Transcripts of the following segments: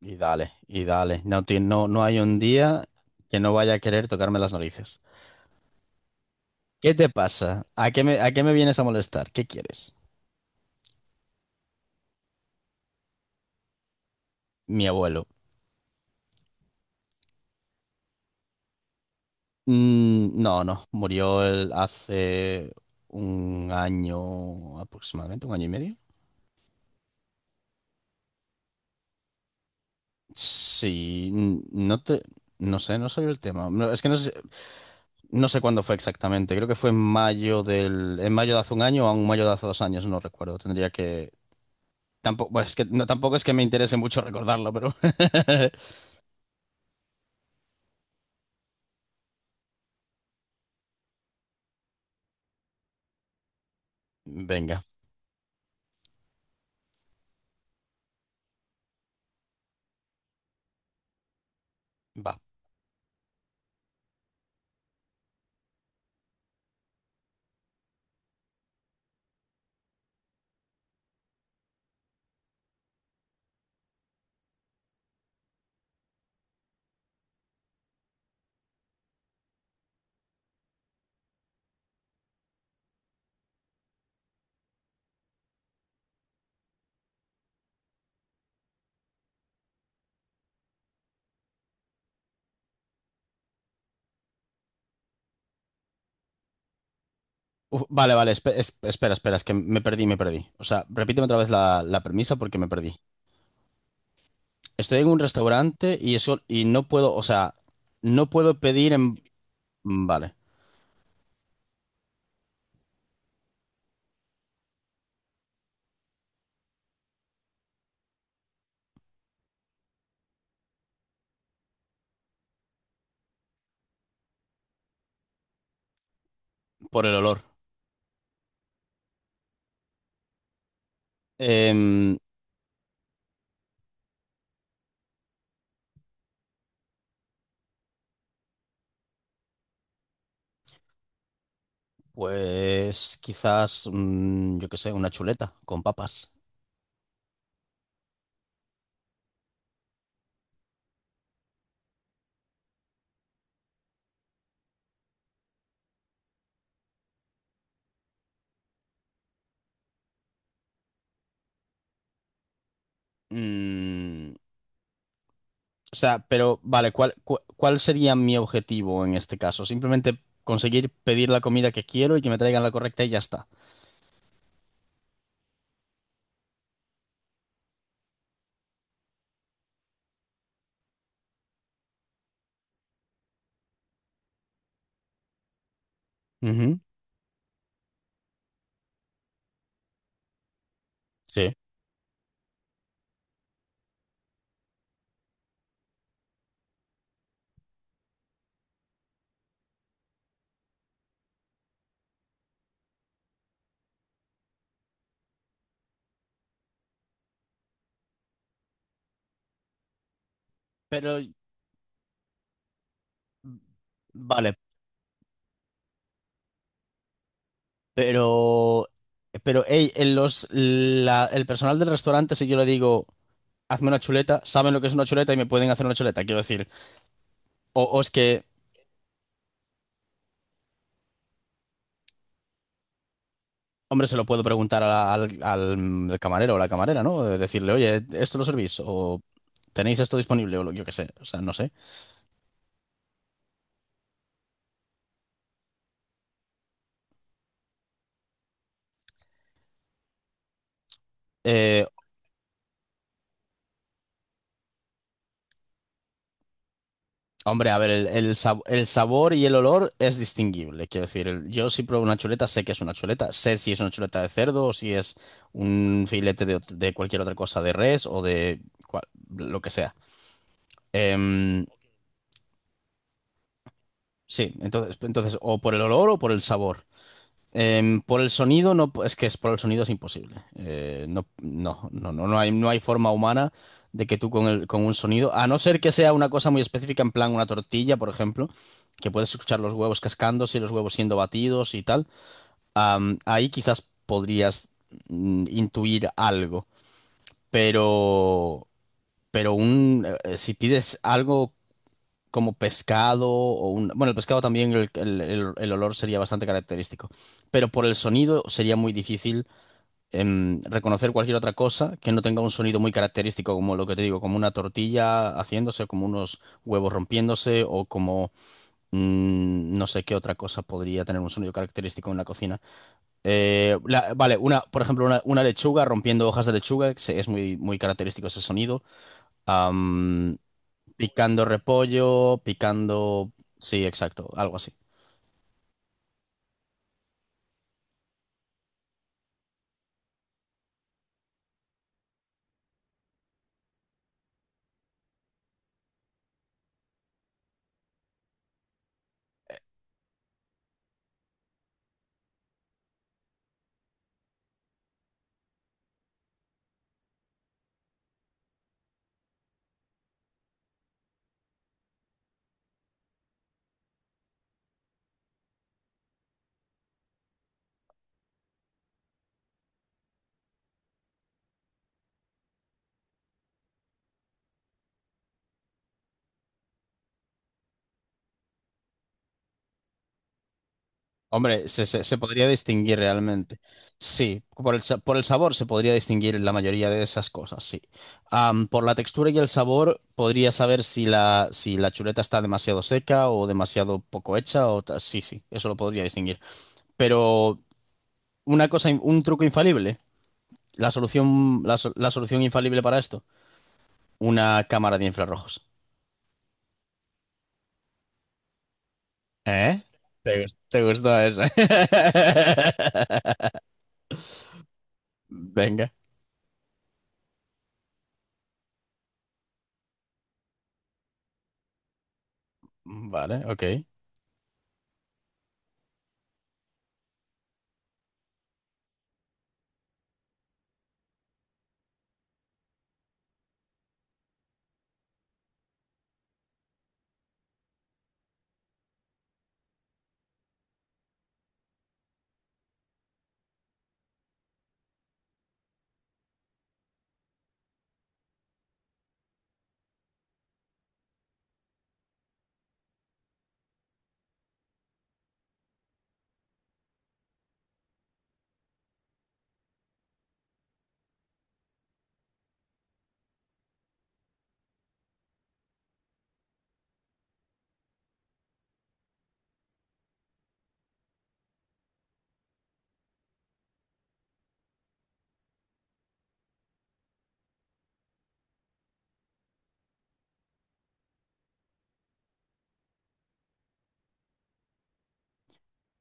Y dale, y dale. No, no, no hay un día que no vaya a querer tocarme las narices. ¿Qué te pasa? ¿A qué me vienes a molestar? ¿Qué quieres? Mi abuelo. No, no. Murió él hace un año aproximadamente, un año y medio. Sí, no sé, no sabía el tema. No, es que no sé, no sé cuándo fue exactamente. Creo que fue en mayo de hace un año o en mayo de hace dos años, no recuerdo. Tendría que. Tampoco, bueno, no, tampoco es que me interese mucho recordarlo, pero. Venga, va. Uf, vale, vale, espera, espera, es que me perdí, me perdí. O sea, repíteme otra vez la premisa porque me perdí. Estoy en un restaurante y eso, y no puedo, o sea, no puedo pedir en. Vale, por el olor. Em, pues quizás, yo qué sé, una chuleta con papas. Mm, O sea, pero vale, ¿cuál sería mi objetivo en este caso? Simplemente conseguir pedir la comida que quiero y que me traigan la correcta y ya está. Ujú. Sí. Pero, vale, pero, pero, hey, en el personal del restaurante, si yo le digo, hazme una chuleta, saben lo que es una chuleta y me pueden hacer una chuleta, quiero decir. O es que, hombre, se lo puedo preguntar al camarero o la camarera, ¿no? Decirle, oye, ¿esto lo servís? O tenéis esto disponible yo qué sé, o sea, no sé. Eh, Hombre, a ver, el sabor y el olor es distinguible. Quiero decir, yo si pruebo una chuleta, sé que es una chuleta. Sé si es una chuleta de cerdo o si es un filete de, de cualquier otra cosa, de res o de cual- lo que sea. Em, sí, entonces, entonces, o por el olor o por el sabor. Por el sonido no, es que es por el sonido es imposible. No, no, no, no, no hay forma humana de que tú con con un sonido, a no ser que sea una cosa muy específica, en plan una tortilla, por ejemplo, que puedes escuchar los huevos cascándose y los huevos siendo batidos y tal. Ahí quizás podrías intuir algo, pero, pero un, si pides algo como pescado o un... Bueno, el pescado también, el olor sería bastante característico, pero por el sonido sería muy difícil reconocer cualquier otra cosa que no tenga un sonido muy característico, como lo que te digo, como una tortilla haciéndose, como unos huevos rompiéndose o como... No sé qué otra cosa podría tener un sonido característico en la cocina. Vale, una, por ejemplo, una lechuga rompiendo hojas de lechuga, se- es muy, muy característico ese sonido. Picando repollo, picando... Sí, exacto, algo así. Hombre, se podría distinguir realmente. Sí, por el sabor se podría distinguir la mayoría de esas cosas, sí. Por la textura y el sabor podría saber si si la chuleta está demasiado seca o demasiado poco hecha o ta- sí, sí, eso lo podría distinguir. Pero una cosa, in- un truco infalible, la solución, la solución infalible para esto, una cámara de infrarrojos. ¿Eh? ¿Te, te gustó eso? Venga. Vale, ok.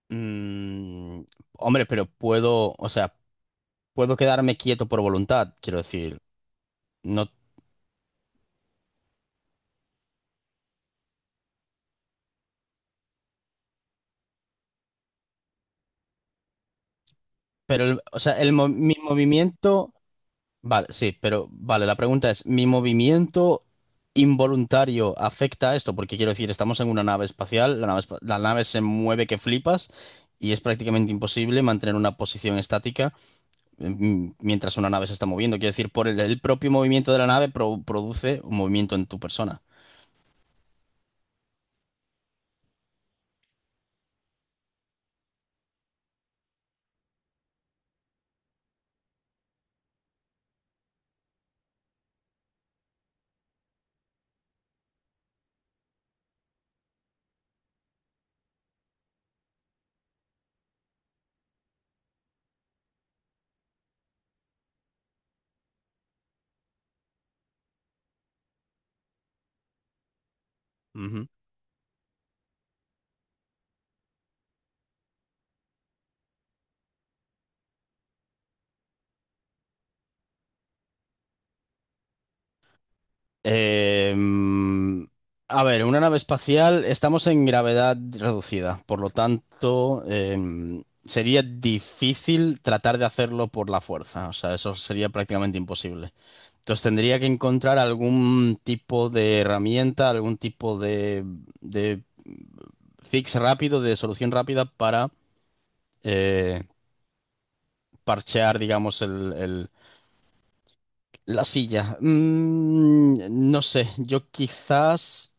Mm, Hombre, pero puedo, o sea, puedo quedarme quieto por voluntad, quiero decir. No, pero, o sea, mi movimiento. Vale, sí, pero vale, la pregunta es, ¿mi movimiento involuntario afecta a esto? Porque quiero decir, estamos en una nave espacial, la nave se mueve que flipas y es prácticamente imposible mantener una posición estática. Mientras una nave se está moviendo. Quiero decir, por el propio movimiento de la nave produce un movimiento en tu persona. Ujú. Eh, mm, a ver, una nave espacial, estamos en gravedad reducida, por lo tanto, sería difícil tratar de hacerlo por la fuerza, o sea, eso sería prácticamente imposible. Entonces tendría que encontrar algún tipo de herramienta, algún tipo de fix rápido, de solución rápida para, eh, parchear, digamos, la silla. No sé, yo quizás...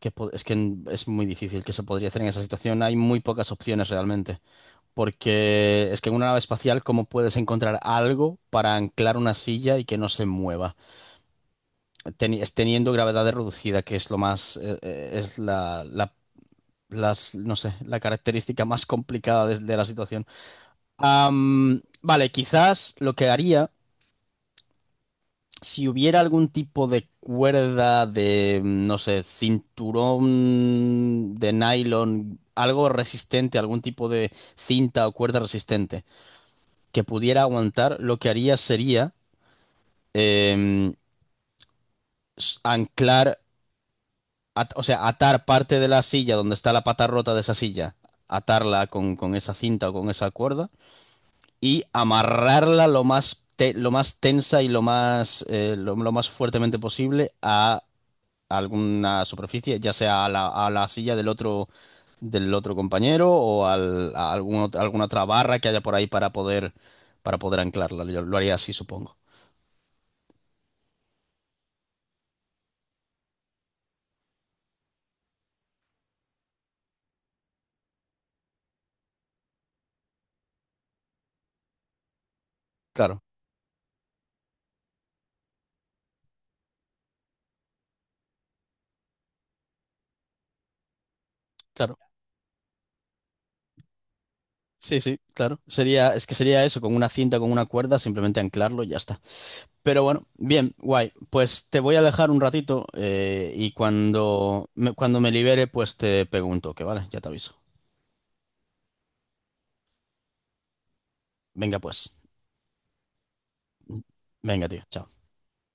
Que es que es muy difícil que se podría hacer en esa situación. Hay muy pocas opciones realmente. Porque es que en una nave espacial, ¿cómo puedes encontrar algo para anclar una silla y que no se mueva? Es teniendo gravedad reducida, que es lo más... es no sé, la característica más complicada de la situación. Vale, quizás lo que haría... si hubiera algún tipo de cuerda de, no sé, cinturón de nylon, algo resistente, algún tipo de cinta o cuerda resistente que pudiera aguantar, lo que haría sería eh, anclar, o sea, atar parte de la silla donde está la pata rota de esa silla, atarla con esa cinta o con esa cuerda y amarrarla lo más, lo más tensa y lo más, lo más fuertemente posible a alguna superficie, ya sea a a la silla del otro compañero o a algún alguna otra barra que haya por ahí para poder anclarla. Yo lo haría así, supongo. Claro, claro. Sí, sí, claro. Sería, es que sería eso, con una cinta, con una cuerda, simplemente anclarlo y ya está. Pero bueno, bien, guay. Pues te voy a dejar un ratito y cuando cuando me libere, pues te pego un toque, ¿vale? Ya te aviso. Venga, pues. Venga, tío. Chao.